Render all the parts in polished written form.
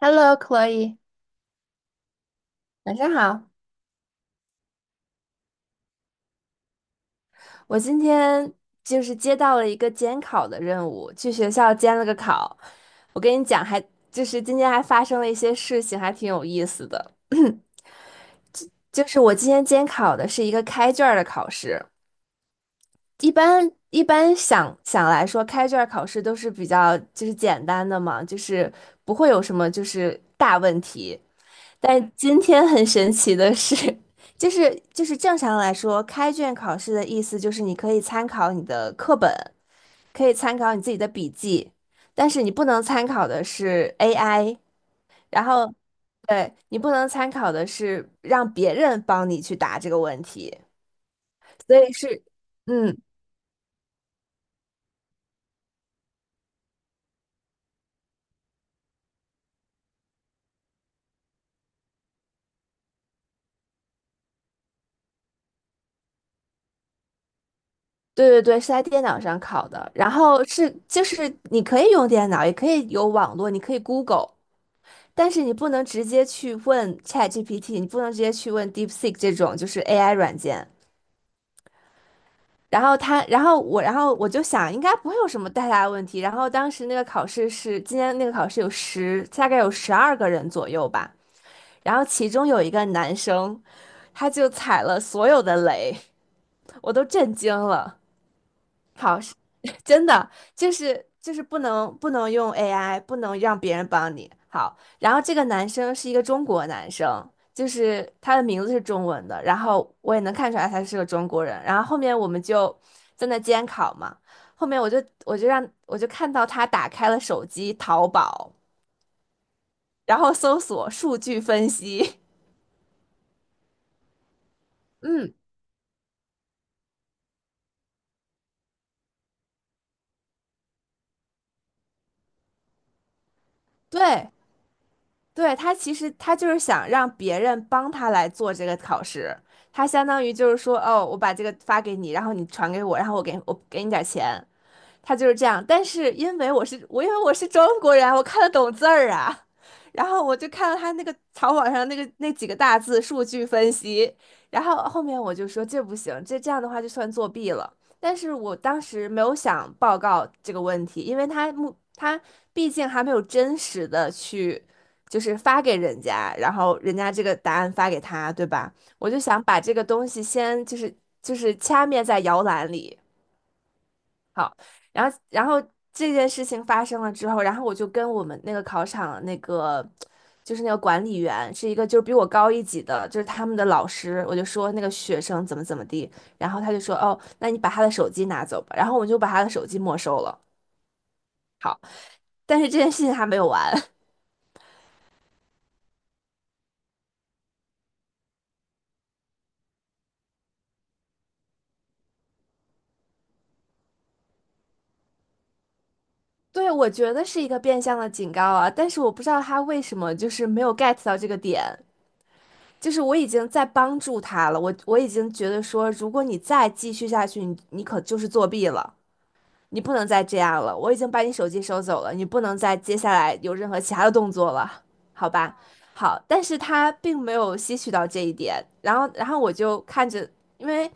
h e l l o c l o e 晚上好。我今天就是接到了一个监考的任务，去学校监了个考。我跟你讲还，就是今天还发生了一些事情，还挺有意思的。就是我今天监考的是一个开卷儿的考试，一般来说，开卷儿考试都是比较就是简单的嘛，就是不会有什么就是大问题。但今天很神奇的是，就是正常来说，开卷考试的意思就是你可以参考你的课本，可以参考你自己的笔记，但是你不能参考的是 AI，然后对你不能参考的是让别人帮你去答这个问题，所以是，嗯，对对对，是在电脑上考的，然后是就是你可以用电脑，也可以有网络，你可以 Google。但是你不能直接去问 ChatGPT，你不能直接去问 DeepSeek 这种就是 AI 软件。然后他，然后我，然后我就想，应该不会有什么太大的问题。然后当时那个考试是，今天那个考试大概有十二个人左右吧。然后其中有一个男生，他就踩了所有的雷，我都震惊了。好，真的就是不能用 AI，不能让别人帮你。好，然后这个男生是一个中国男生，就是他的名字是中文的，然后我也能看出来他是个中国人。然后后面我们就在那监考嘛，后面我就看到他打开了手机淘宝，然后搜索数据分析，嗯，对，对，他其实就是想让别人帮他来做这个考试，他相当于就是说，哦，我把这个发给你，然后你传给我，然后我给你点儿钱。他就是这样。但是因为我是中国人，我看得懂字儿啊。然后我就看到他那个草稿上那几个大字数据分析，然后后面我就说这不行，这样的话就算作弊了。但是我当时没有想报告这个问题，因为他毕竟还没有真实的去就是发给人家，然后人家这个答案发给他，对吧？我就想把这个东西先就是掐灭在摇篮里。好，然后这件事情发生了之后，然后我就跟我们那个考场那个就是那个管理员是一个就是比我高一级的，就是他们的老师，我就说那个学生怎么怎么地，然后他就说哦，那你把他的手机拿走吧，然后我就把他的手机没收了，但是这件事情还没有完。对，我觉得是一个变相的警告啊，但是我不知道他为什么就是没有 get 到这个点，就是我已经在帮助他了，我已经觉得说，如果你再继续下去，你可就是作弊了。你不能再这样了，我已经把你手机收走了，你不能再接下来有任何其他的动作了，好吧？好，但是他并没有吸取到这一点，然后我就看着，因为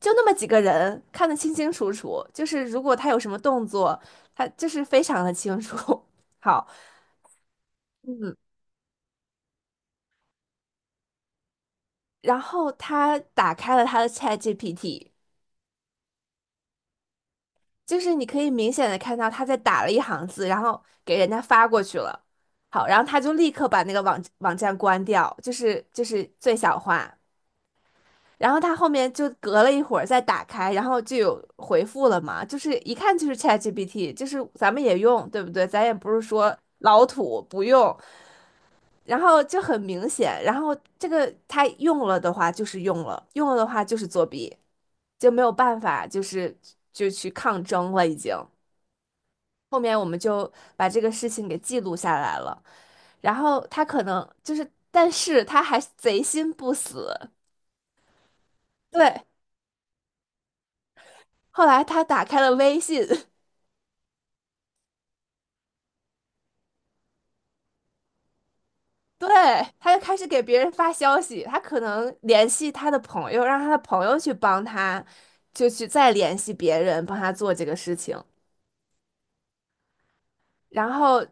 就那么几个人，看得清清楚楚，就是如果他有什么动作，他就是非常的清楚。好，然后他打开了他的 ChatGPT，就是你可以明显的看到他在打了一行字，然后给人家发过去了。好，然后他就立刻把那个网站关掉，就是最小化。然后他后面就隔了一会儿再打开，然后就有回复了嘛，就是一看就是 ChatGPT，就是咱们也用，对不对？咱也不是说老土不用，然后就很明显，然后这个他用了的话就是用了，用了的话就是作弊，就没有办法，就是就去抗争了已经。后面我们就把这个事情给记录下来了。然后他可能就是，但是他还贼心不死。对，后来他打开了微信，对，他就开始给别人发消息。他可能联系他的朋友，让他的朋友去帮他，就去再联系别人帮他做这个事情。然后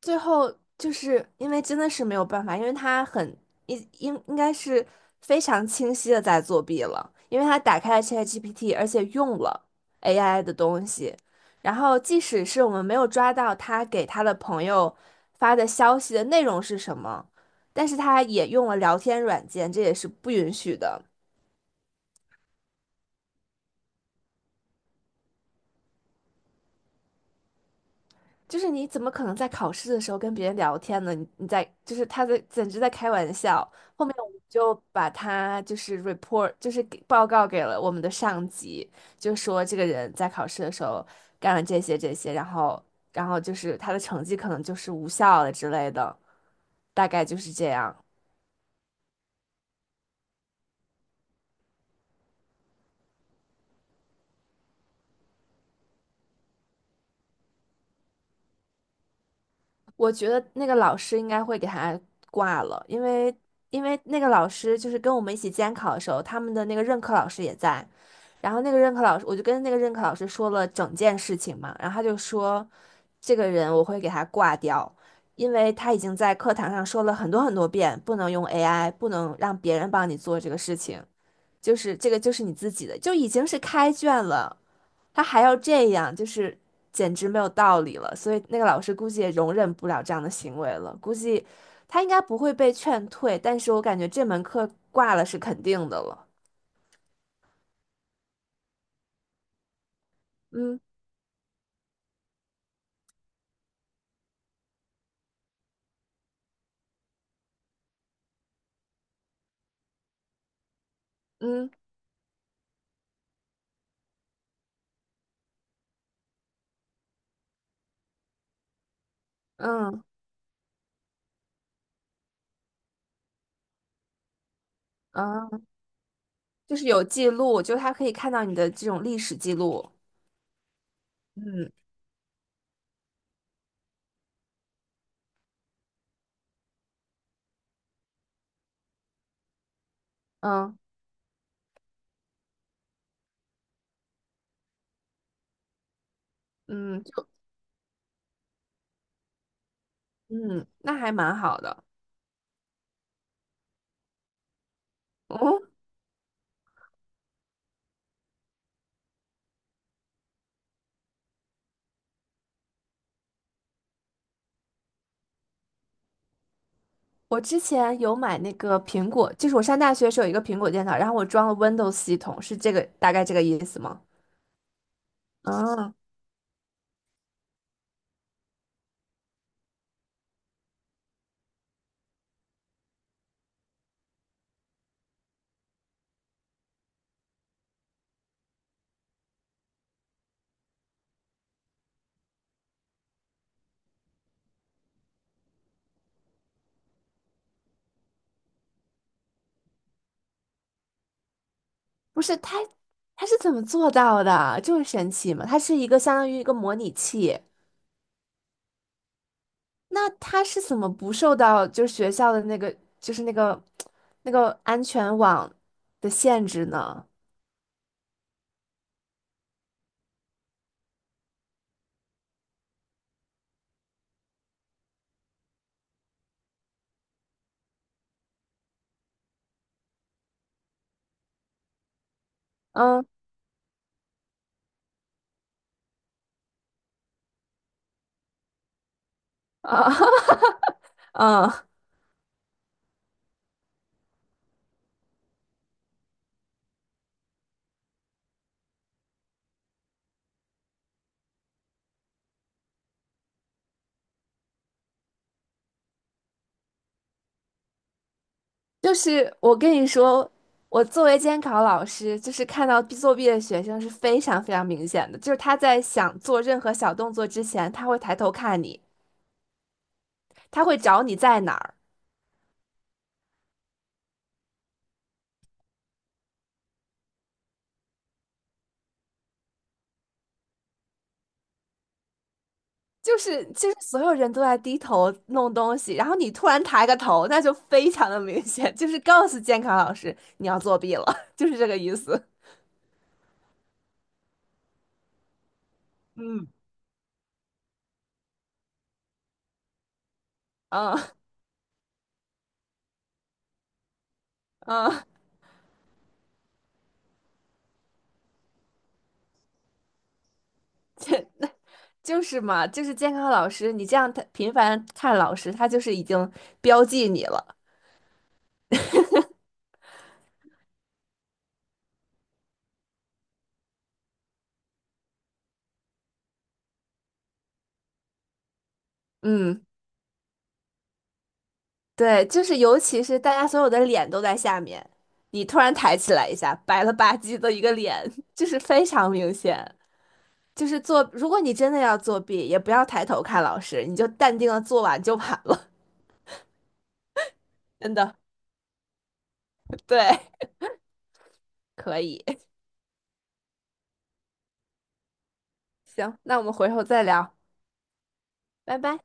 最后就是因为真的是没有办法，因为他很应该是非常清晰的在作弊了，因为他打开了 ChatGPT，而且用了 AI 的东西。然后即使是我们没有抓到他给他的朋友发的消息的内容是什么，但是他也用了聊天软件，这也是不允许的。就是你怎么可能在考试的时候跟别人聊天呢？你你在就是他在简直在开玩笑。后面我们就把他就是 report 就是给报告给了我们的上级，就说这个人在考试的时候干了这些这些，然后就是他的成绩可能就是无效了之类的，大概就是这样。我觉得那个老师应该会给他挂了，因为那个老师就是跟我们一起监考的时候，他们的那个任课老师也在，然后那个任课老师，我就跟那个任课老师说了整件事情嘛，然后他就说，这个人我会给他挂掉，因为他已经在课堂上说了很多很多遍，不能用 AI，不能让别人帮你做这个事情，就是这个就是你自己的，就已经是开卷了。他还要这样，就是简直没有道理了。所以那个老师估计也容忍不了这样的行为了，估计他应该不会被劝退，但是我感觉这门课挂了是肯定的了。嗯嗯嗯嗯，就是有记录，就是他可以看到你的这种历史记录。嗯嗯嗯就嗯，那还蛮好的。哦，我之前有买那个苹果，就是我上大学的时候有一个苹果电脑，然后我装了 Windows 系统，是大概这个意思吗？啊。不是他，他是怎么做到的？就是神奇嘛，它是一个相当于一个模拟器。那他是怎么不受到就是学校的那个就是那个安全网的限制呢？嗯啊 嗯，就是我跟你说，我作为监考老师，就是看到作弊的学生是非常非常明显的，就是他在想做任何小动作之前，他会抬头看你，他会找你在哪儿。就是所有人都在低头弄东西，然后你突然抬个头，那就非常的明显，就是告诉监考老师你要作弊了，就是这个意思。嗯嗯，就是嘛，就是监考老师，你这样他频繁看老师，他就是已经标记你了。嗯，对，就是尤其是大家所有的脸都在下面，你突然抬起来一下，白了吧唧的一个脸，就是非常明显。就是作，如果你真的要作弊，也不要抬头看老师，你就淡定的做完就完了，真的。对，可以，行，那我们回头再聊，拜拜。